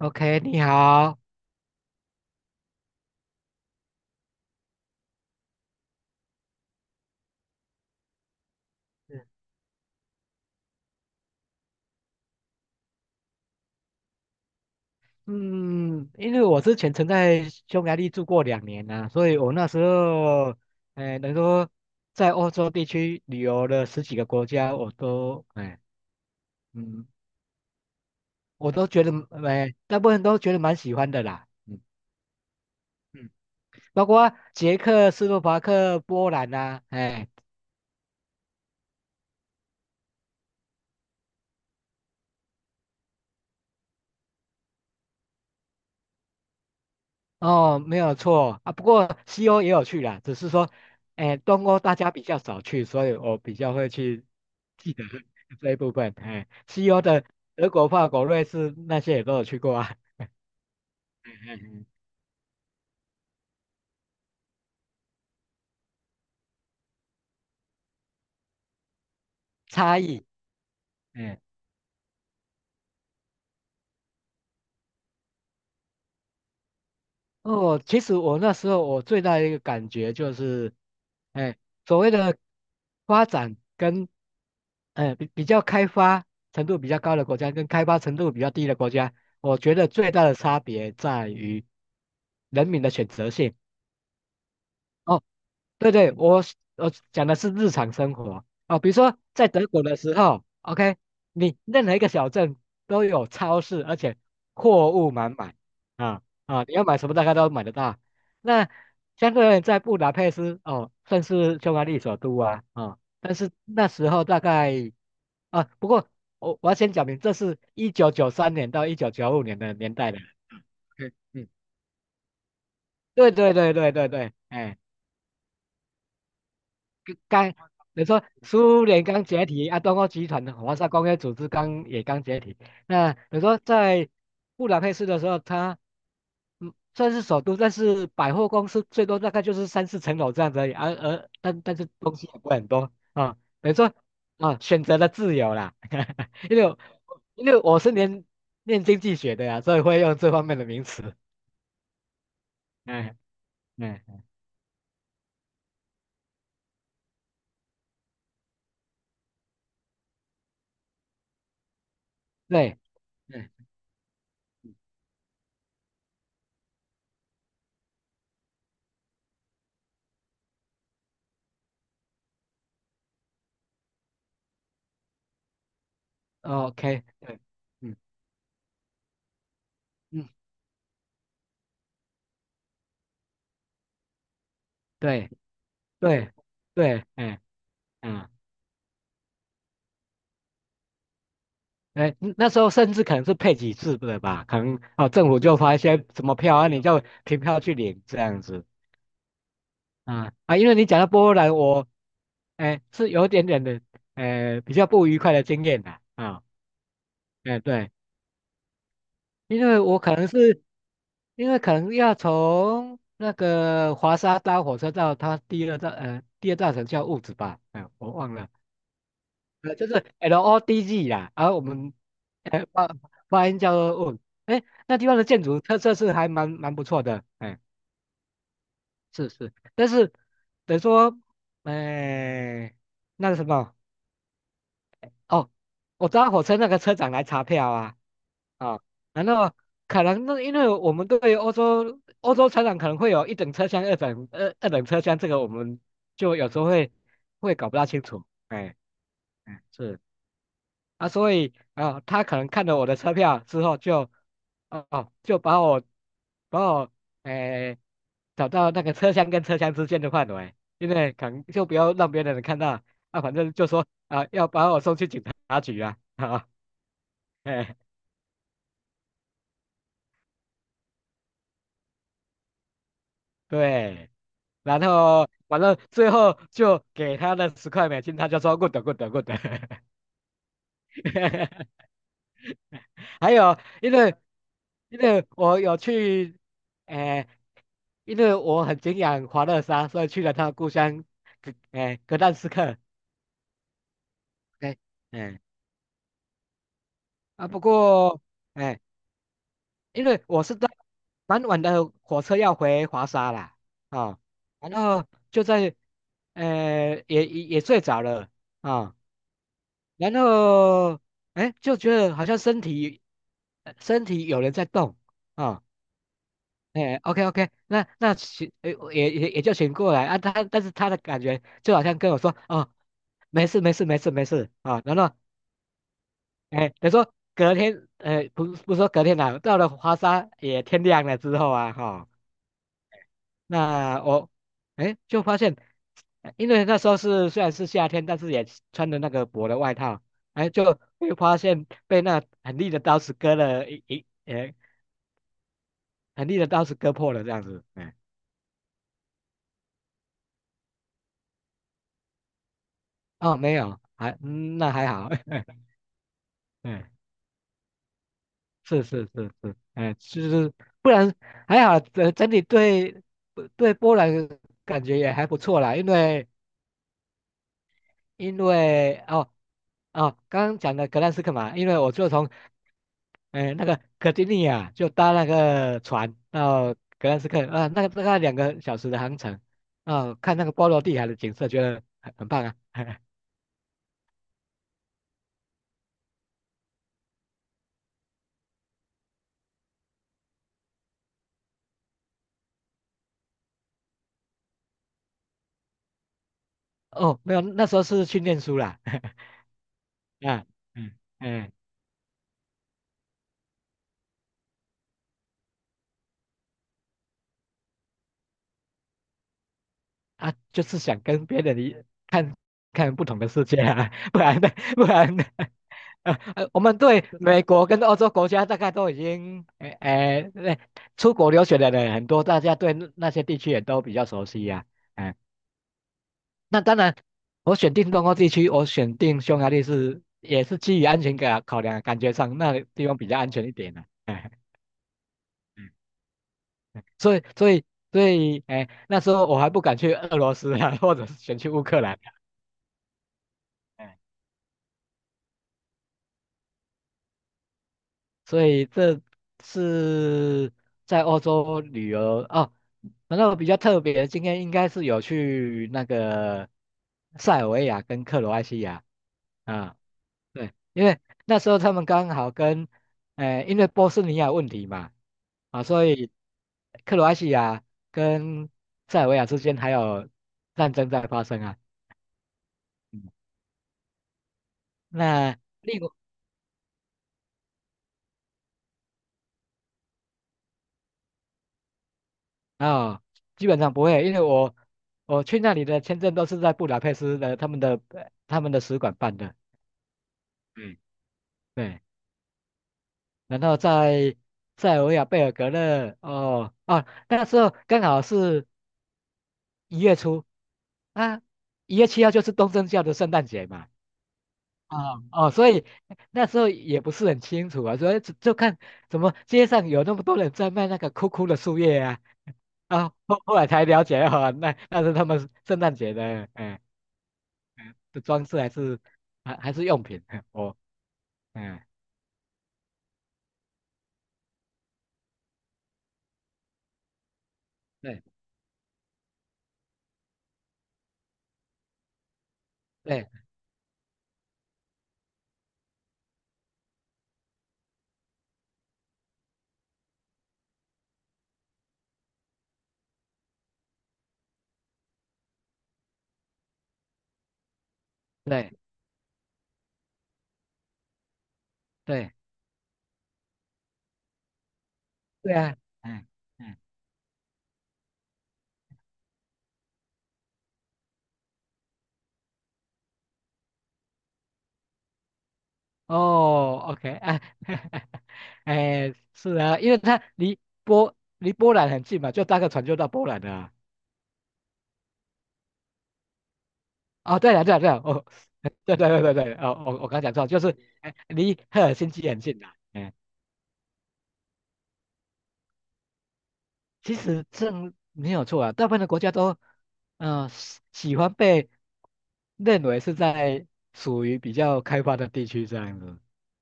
OK，你好。嗯嗯因为我之前曾在匈牙利住过2年，所以我那时候，能够在欧洲地区旅游了十几个国家，嗯，我都觉得，大部分都觉得蛮喜欢的啦。嗯嗯，包括捷克斯洛伐克、波兰呐、啊，哎。哦，没有错啊。不过西欧也有去啦，只是说，东欧大家比较少去，所以我比较会去记得 这一部分。西欧的德国、法国、瑞士那些也都有去过啊。嗯嗯嗯，差异。哎哦，其实我那时候我最大的一个感觉就是，哎，所谓的发展跟，比较开发程度比较高的国家跟开发程度比较低的国家，我觉得最大的差别在于人民的选择性。哦，对对，我讲的是日常生活哦，比如说在德国的时候，OK，你任何一个小镇都有超市，而且货物满满啊，你要买什么大概都买得到。那相对而言，在布达佩斯哦，算是匈牙利首都啊，但是那时候大概啊，不过我要先讲明，这是1993年到1995年的年代的。OK，对，刚你说苏联刚解体，啊，东欧集团的华沙工业组织刚也刚解体。那你说在布达佩斯的时候，它算是首都，但是百货公司最多大概就是三四层楼这样子而已，而、而但但是东西也不会很多啊。等于说啊，选择了自由啦，因为我因为我是念经济学的呀，所以会用这方面的名词。嗯嗯，哎对，嗯，OK，对，嗯嗯，对对对，嗯，那时候甚至可能是配给次的吧，可能哦，政府就发一些什么票啊，你就凭票去领这样子。啊，因为你讲到波兰，是有一点点的，比较不愉快的经验的啊。对，因为我可能是可能要从那个华沙搭火车到它第二大城叫物质吧，哎，我忘了，就是 LODG 啦，我们 哎，巴巴音叫做问，那地方的建筑特色是还蛮不错的，是，但是等于说，哎，那个什么，哦，我搭火车那个车长来查票啊，啊、难道可能那因为我们对欧洲车长可能会有一等车厢、二等车厢，这个我们就有时候会搞不大清楚，哎是。啊，所以啊，他可能看了我的车票之后就，哦就把我诶、找到那个车厢跟车厢之间的范围，因为可能就不要让别的人看到啊，反正就说啊，要把我送去警察局啊，哎、对，然后反正最后就给他了$10，他就说 good good good 还有，因为我有去，诶、因为我很敬仰华勒沙，所以去了他的故乡，格但斯克。哎、哎、啊，不过，哎、因为我是在蛮晚的火车要回华沙啦，啊、然后就在，也睡着了啊、然后，就觉得好像身体，身体有人在动。啊、OK OK，那那请呃也就醒过来啊，但是他的感觉就好像跟我说哦，没事啊，然后等于说隔天不是说隔天啦，到了华沙也天亮了之后那我就发现，因为那时候是虽然是夏天，但是也穿的那个薄的外套，就会发现被那很利的刀子割了一一呃很利的刀子割破了这样子，哦，没有，还，那还好，嗯，是，就是不然还好，整体对对波兰感觉也还不错啦，因为，刚刚讲的格兰斯克嘛，因为我就从那个格丁尼亚就搭那个船到格兰斯克啊，那个大概2个小时的航程，啊，看那个波罗的海的景色，觉得很棒啊。哦，没有，那时候是去念书啦，啊，嗯嗯。哎啊，就是想跟别人看看不同的世界啊，不然的，不然的，呃，呃我们对美国跟欧洲国家大概都已经，出国留学的人很多，大家对那些地区也都比较熟悉呀，啊哎、那当然，我选定东欧地区，我选定匈牙利是也是基于安全感考量，感觉上那里地方比较安全一点的，嗯所以，所以，所以，那时候我还不敢去俄罗斯啊，或者是选去乌克兰啊。哎所以这是在欧洲旅游哦。然后比较特别今天应该是有去那个塞尔维亚跟克罗埃西亚啊，对，因为那时候他们刚好跟，因为波斯尼亚问题嘛，啊，所以克罗埃西亚跟塞尔维亚之间还有战争在发生啊。嗯那另啊，基本上不会，因为我去那里的签证都是在布达佩斯的他们的使馆办的，嗯，对，然后在塞尔维亚贝尔格勒，哦啊，那时候刚好是1月初啊，1月7号就是东正教的圣诞节嘛，啊哦，所以那时候也不是很清楚啊，所以就看怎么街上有那么多人在卖那个枯的树叶啊，后来才了解哦，那是他们圣诞节的，是装饰还是还是用品？我嗯，对 对对对对啊，嗯嗯，哦，OK 啊，是啊，因为它离波兰很近嘛，就搭个船就到波兰了啊。哦，对了对了对了，哦，对，哦，我刚讲错，就是离赫尔辛基很近的。哎其实这没有错啊，大部分的国家都，嗯，喜欢被认为是在属于比较开发的地区这样子。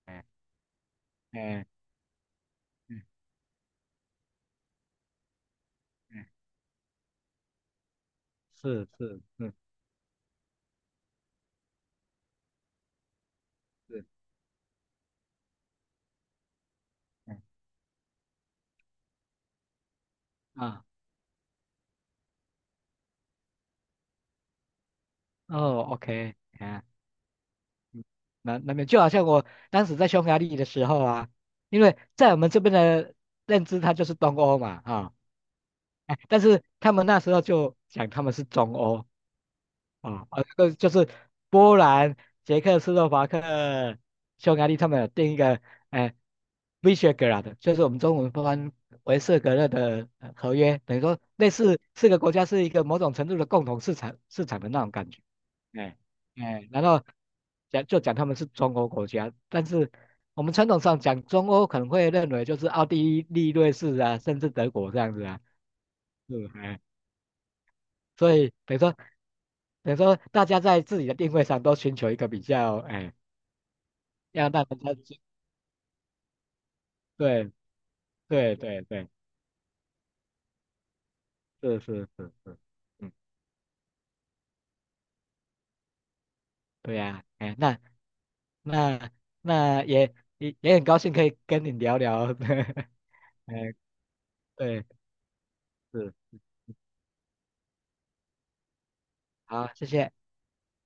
哎哎嗯嗯，是是是是，嗯啊哦，OK,啊，嗯那那边就好像我当时在匈牙利的时候啊，因为在我们这边的认知，它就是东欧嘛啊，但是他们那时候就讲他们是中欧。啊，这就是波兰、捷克斯洛伐克、匈牙利他们有定一个，哎、Visegrad 就是我们中文翻为色格勒的合约，等于说类似4个国家是一个某种程度的共同市场市场的那种感觉，哎、然后讲他们是中国国家，但是我们传统上讲中欧可能会认为就是奥地利、瑞士啊，甚至德国这样子啊，是哎。所以等于说大家在自己的定位上都寻求一个比较，哎，要让大家去对对对，对，是，嗯，对呀，那那那也也很高兴可以跟你聊聊，哎，对，是，好，谢谢。